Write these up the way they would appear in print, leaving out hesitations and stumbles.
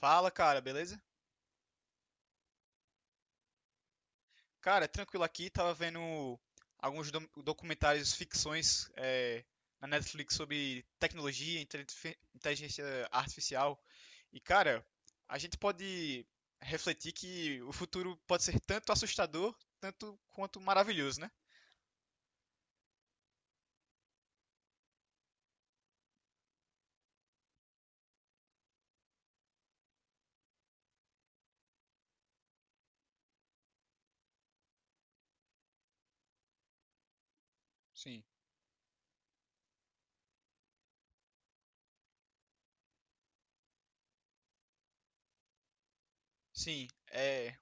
Fala, cara, beleza? Cara, é tranquilo aqui, tava vendo alguns documentários, ficções na Netflix sobre tecnologia, inteligência artificial. E, cara, a gente pode refletir que o futuro pode ser tanto assustador, tanto quanto maravilhoso, né? Sim, sim, é,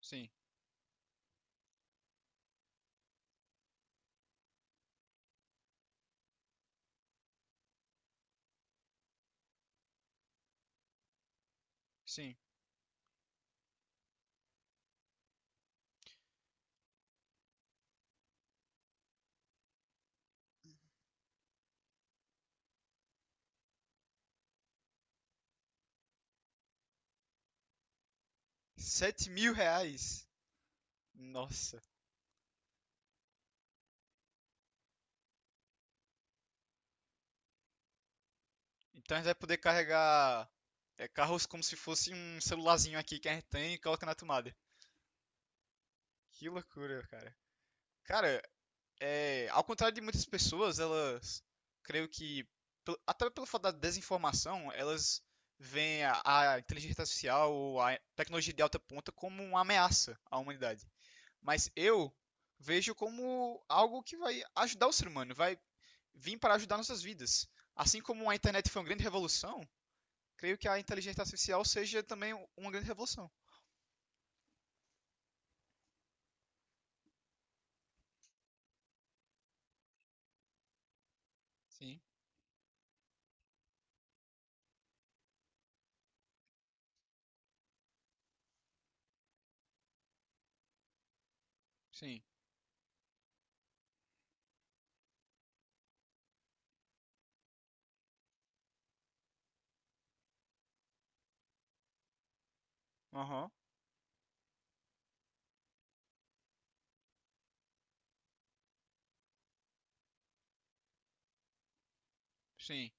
sim, sim. 7 mil reais? Nossa. Então a gente vai poder carregar carros como se fosse um celularzinho aqui que a gente tem e coloca na tomada. Que loucura, cara. Cara, ao contrário de muitas pessoas, elas creio que, até pelo fato da desinformação, elas veem a inteligência artificial ou a tecnologia de alta ponta como uma ameaça à humanidade. Mas eu vejo como algo que vai ajudar o ser humano, vai vir para ajudar nossas vidas. Assim como a internet foi uma grande revolução, creio que a inteligência artificial seja também uma grande revolução. Sim, sim. Aham. Sim.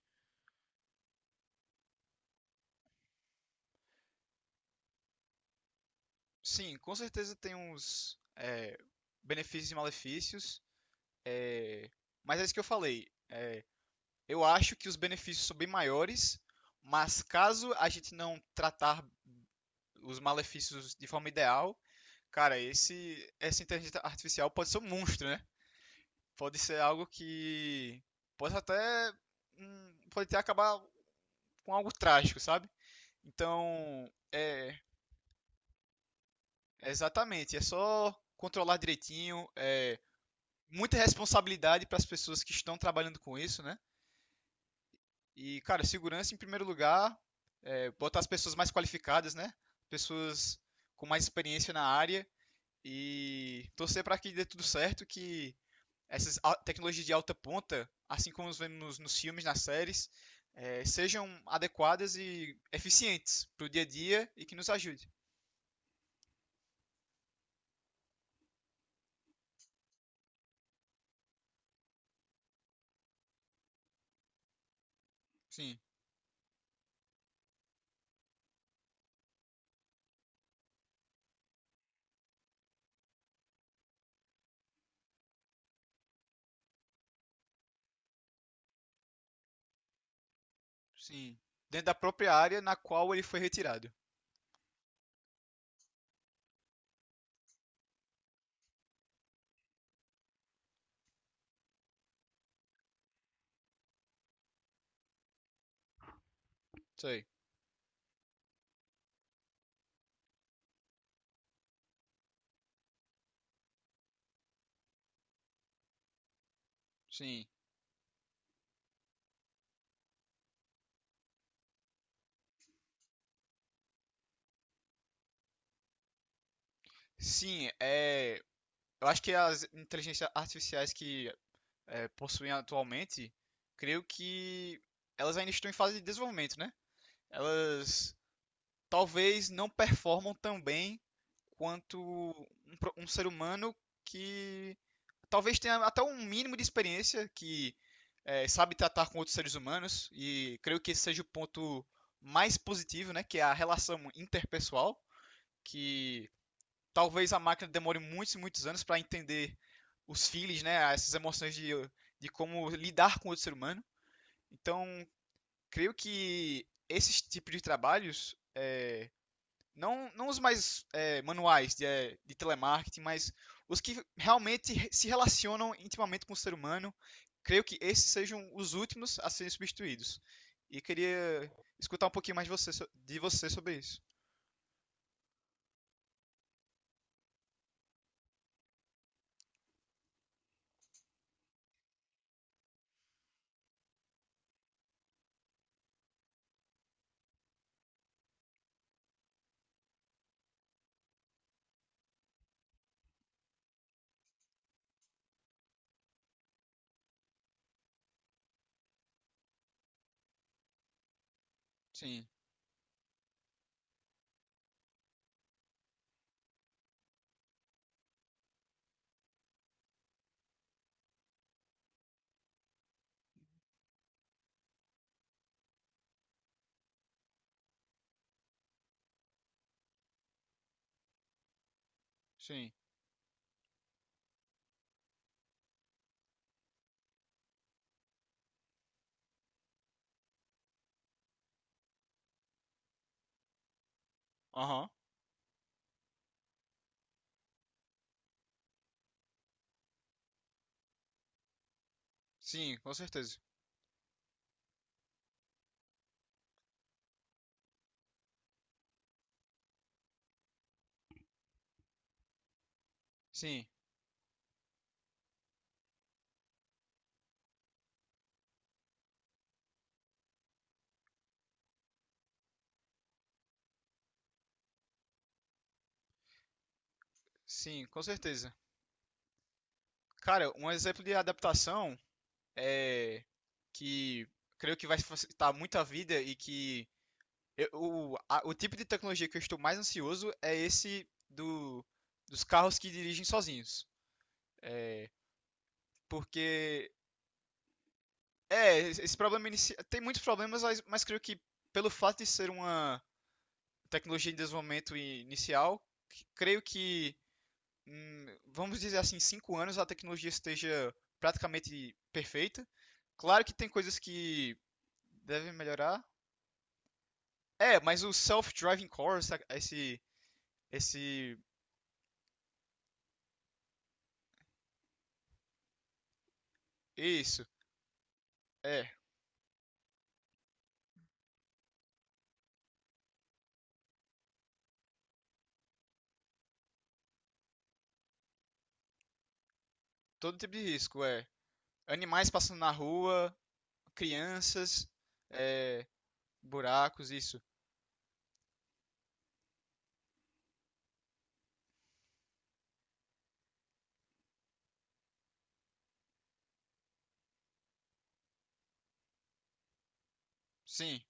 Sim, com certeza tem uns benefícios e malefícios. É, mas é isso que eu falei. Eu acho que os benefícios são bem maiores, mas caso a gente não tratar os malefícios de forma ideal, cara, esse essa inteligência artificial pode ser um monstro, né? Pode ser algo que pode até pode até acabar com algo trágico, sabe? Então, exatamente, é só controlar direitinho, muita responsabilidade para as pessoas que estão trabalhando com isso, né? E, cara, segurança em primeiro lugar, botar as pessoas mais qualificadas, né? Pessoas com mais experiência na área e torcer para que dê tudo certo, que essas tecnologias de alta ponta, assim como nós vemos nos filmes, nas séries, sejam adequadas e eficientes para o dia a dia e que nos ajude. Sim, sim. Dentro da própria área na qual ele foi retirado. Isso aí. Sim. Sim, eu acho que as inteligências artificiais que possuem atualmente, creio que elas ainda estão em fase de desenvolvimento, né? Elas talvez não performam tão bem quanto um ser humano que talvez tenha até um mínimo de experiência que sabe tratar com outros seres humanos, e creio que esse seja o ponto mais positivo, né? Que é a relação interpessoal que talvez a máquina demore muitos e muitos anos para entender os feelings, né, essas emoções de como lidar com o outro ser humano. Então, creio que esses tipos de trabalhos, não, não os mais manuais de telemarketing, mas os que realmente se relacionam intimamente com o ser humano, creio que esses sejam os últimos a serem substituídos. E queria escutar um pouquinho mais de você sobre isso. Sim, sim. Aham. Sim, com certeza. Sim. Sim, com certeza. Cara, um exemplo de adaptação é que creio que vai facilitar muito a vida, e que o tipo de tecnologia que eu estou mais ansioso é esse dos carros que dirigem sozinhos. Porque tem muitos problemas, mas creio que pelo fato de ser uma tecnologia em desenvolvimento inicial, creio que vamos dizer assim, 5 anos a tecnologia esteja praticamente perfeita. Claro que tem coisas que devem melhorar. É, mas o self-driving cars, esse, esse, isso, é, todo tipo de risco, é. Animais passando na rua, crianças, é, buracos, isso. Sim,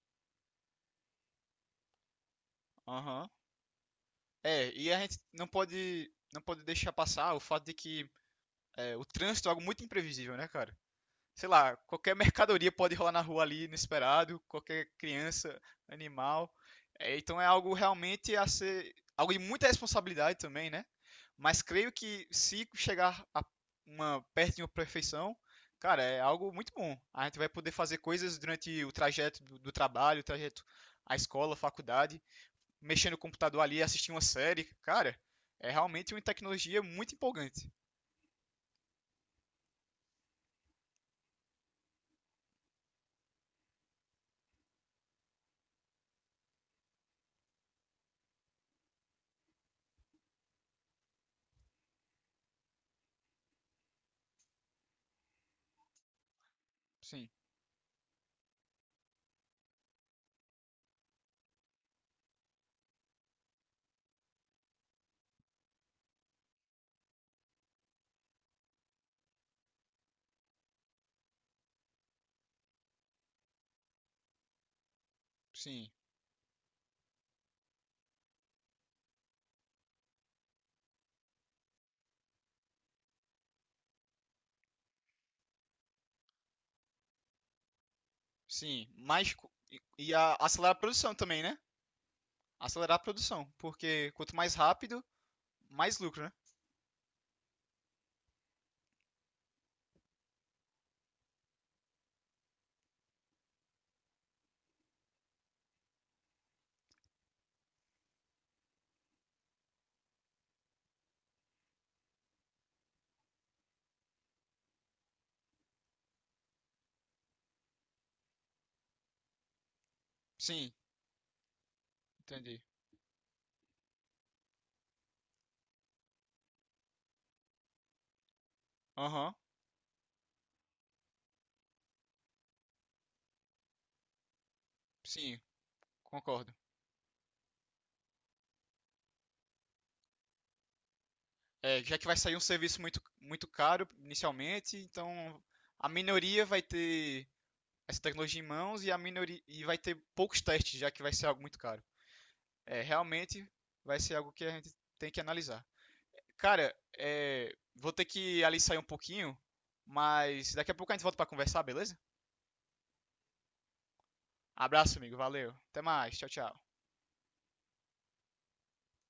aham. É, e a gente não pode, deixar passar o fato de que o trânsito é algo muito imprevisível, né, cara? Sei lá, qualquer mercadoria pode rolar na rua ali inesperado, qualquer criança, animal. É, então é algo realmente a ser, algo de muita responsabilidade também, né? Mas creio que se chegar a uma perto de uma perfeição, cara, é algo muito bom. A gente vai poder fazer coisas durante o trajeto do trabalho, o trajeto à escola, à faculdade, mexer no computador ali, assistir uma série, cara, é realmente uma tecnologia muito empolgante. Sim, sim. Sim, mais acelerar a produção também, né? Acelerar a produção, porque quanto mais rápido, mais lucro, né? Sim, entendi. Aham, sim, concordo. É, já que vai sair um serviço muito, muito caro inicialmente, então a minoria vai ter essa tecnologia em mãos, e a minoria vai ter poucos testes, já que vai ser algo muito caro. É, realmente vai ser algo que a gente tem que analisar. Cara, vou ter que ali sair um pouquinho, mas daqui a pouco a gente volta para conversar, beleza? Abraço, amigo. Valeu. Até mais. Tchau, tchau.